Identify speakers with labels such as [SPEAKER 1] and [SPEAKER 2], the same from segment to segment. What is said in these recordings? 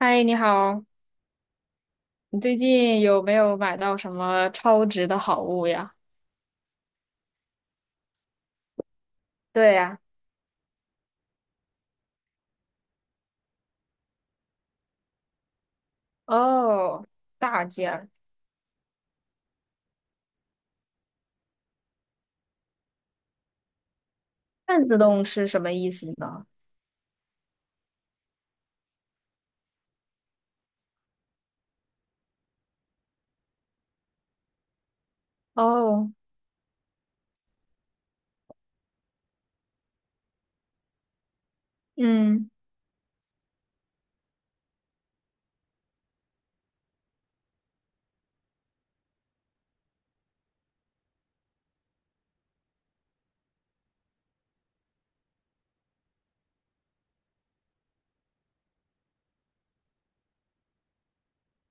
[SPEAKER 1] 嗨，你好，你最近有没有买到什么超值的好物呀？对呀，哦，大件儿半自动是什么意思呢？哦，嗯，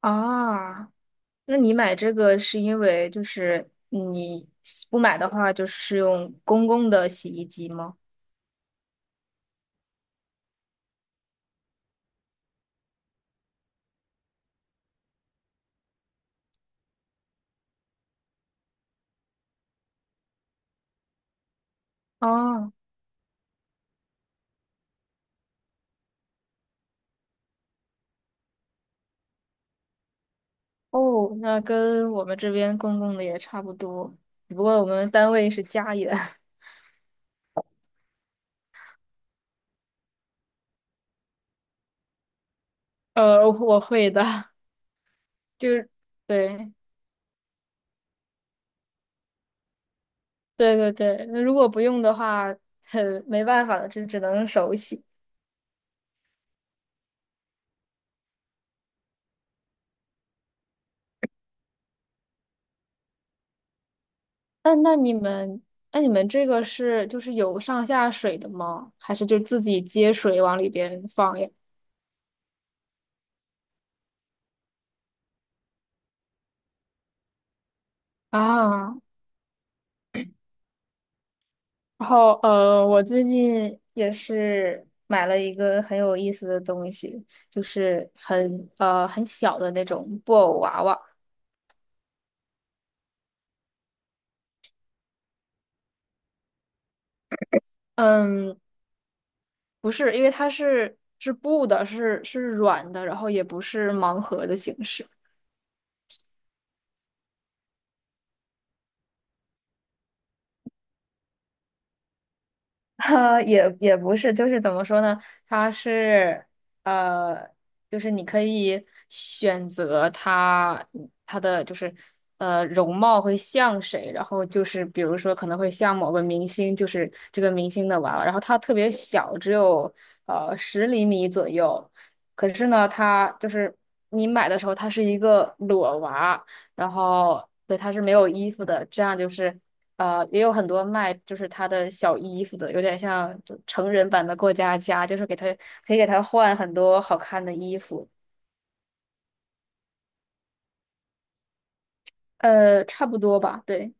[SPEAKER 1] 啊，那你买这个是因为就是你不买的话，就是用公共的洗衣机吗？哦，哦，那跟我们这边公共的也差不多，只不过我们单位是家园。我会的，就是。对，对对对，那如果不用的话，很没办法了，这只能手洗。那那你们，那你们这个是就是有上下水的吗？还是就自己接水往里边放呀？啊，然后我最近也是买了一个很有意思的东西，就是很小的那种布偶娃娃。嗯，不是，因为它是布的，是软的，然后也不是盲盒的形式。哈，也不是，就是怎么说呢？它是呃，就是你可以选择它的就是容貌会像谁，然后就是比如说可能会像某个明星，就是这个明星的娃娃，然后它特别小，只有10厘米左右。可是呢，它就是你买的时候它是一个裸娃，然后对它是没有衣服的，这样就是。也有很多卖就是他的小衣服的，有点像就成人版的过家家，就是给他可以给他换很多好看的衣服，差不多吧，对，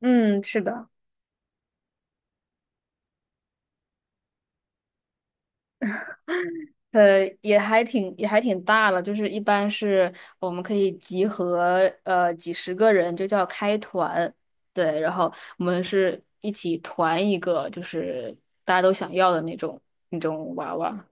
[SPEAKER 1] 嗯，是的，也还挺大了，就是一般是我们可以集合几十个人，就叫开团，对，然后我们是一起团一个，就是大家都想要的那种娃娃。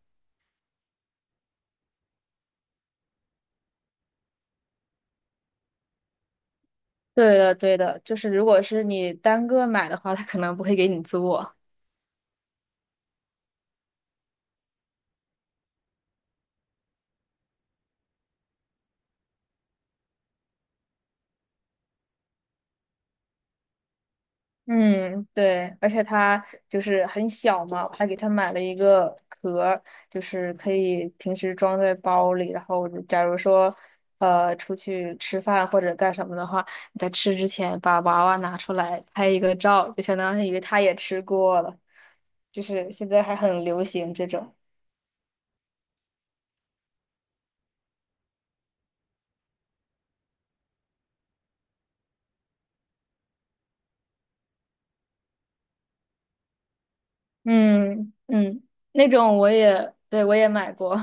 [SPEAKER 1] 对的，对的，就是如果是你单个买的话，他可能不会给你做。嗯，对，而且他就是很小嘛，我还给他买了一个壳儿，就是可以平时装在包里，然后假如说出去吃饭或者干什么的话，你在吃之前把娃娃拿出来拍一个照，就相当于他也吃过了。就是现在还很流行这种，嗯嗯，那种我也，对，我也买过。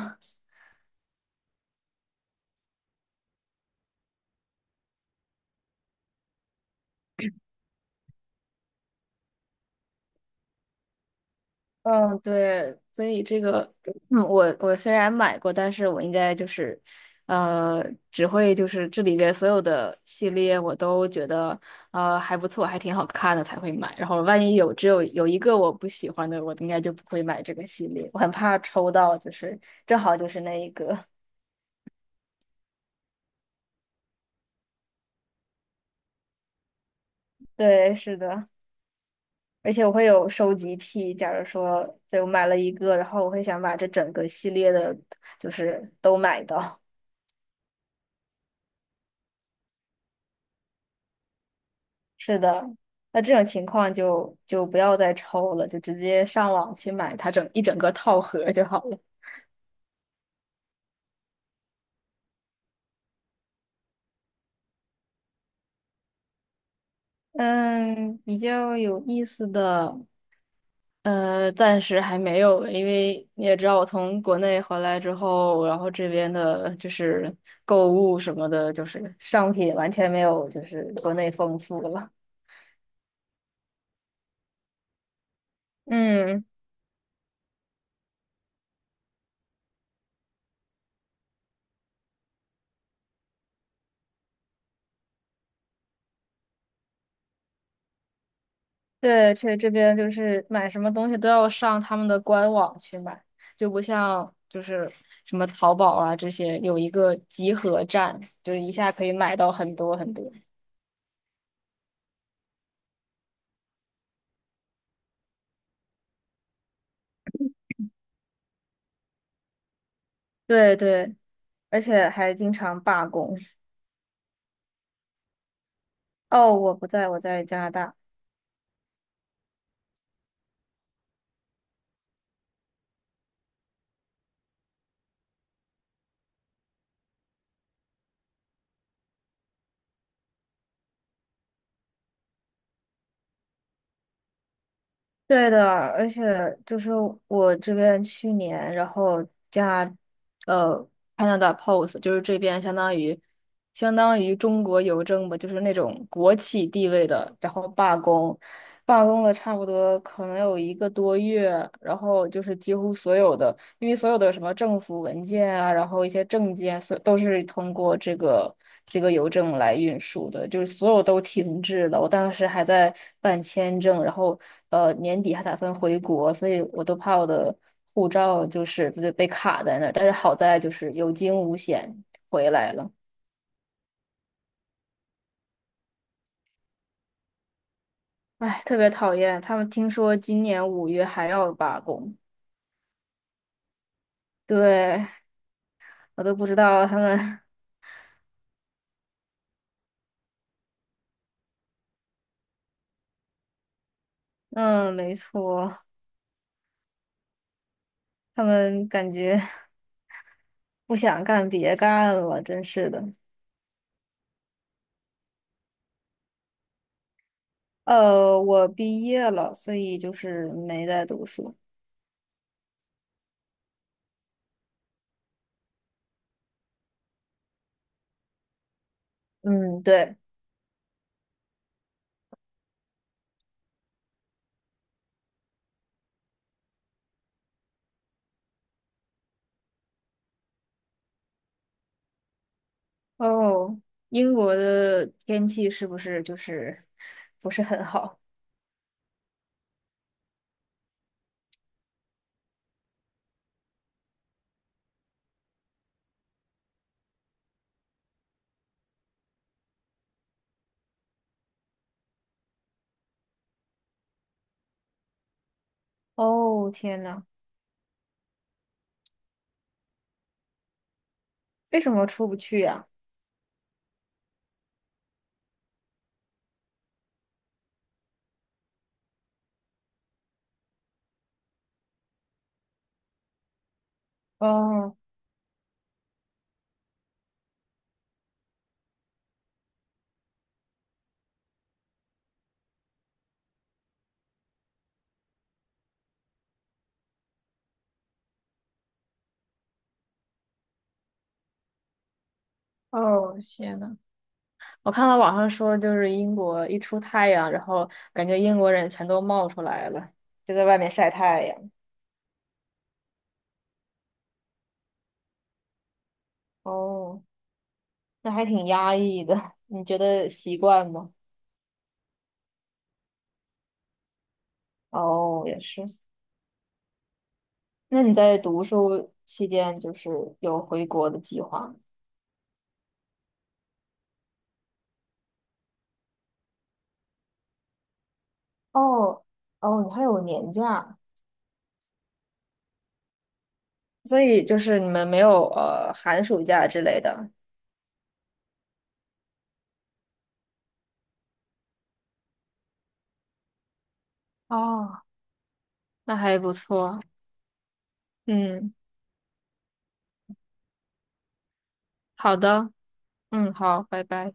[SPEAKER 1] 嗯，对，所以这个，嗯，我虽然买过，但是我应该就是，呃，只会就是这里边所有的系列我都觉得，还不错，还挺好看的才会买。然后万一有只有有一个我不喜欢的，我应该就不会买这个系列。我很怕抽到，就是正好就是那一个。对，是的，而且我会有收集癖。假如说，对，我买了一个，然后我会想把这整个系列的，就是都买到。是的，那这种情况就不要再抽了，就直接上网去买它整个套盒就好了。嗯，比较有意思的，暂时还没有，因为你也知道，我从国内回来之后，然后这边的就是购物什么的，就是商品完全没有，就是国内丰富了。嗯。对，这边就是买什么东西都要上他们的官网去买，就不像就是什么淘宝啊这些有一个集合站，就是一下可以买到很多很多。对对，而且还经常罢工。哦，我不在，我在加拿大。对的，而且就是我这边去年，然后呃，Canada Post，就是这边相当于中国邮政吧，就是那种国企地位的，然后罢工了差不多可能有一个多月，然后就是几乎所有的。因为所有的什么政府文件啊，然后一些证件，所都是通过这个邮政来运输的，就是所有都停滞了。我当时还在办签证，然后年底还打算回国，所以我都怕我的护照就是被卡在那儿。但是好在就是有惊无险回来了。唉，特别讨厌他们，听说今年5月还要罢工，对，我都不知道他们，嗯，没错，他们感觉。不想干，别干了，真是的。我毕业了，所以就是没在读书。嗯，对。哦，英国的天气是不是就是不是很好？哦，天呐，为什么出不去呀？哦哦，天呐，我看到网上说，就是英国一出太阳，然后感觉英国人全都冒出来了。就在外面晒太阳。哦，那还挺压抑的。你觉得习惯吗？哦，也是。那你在读书期间，就是有回国的计划吗？哦哦，你还有年假，所以就是你们没有寒暑假之类的，哦，那还不错。嗯，好的，嗯，好，拜拜。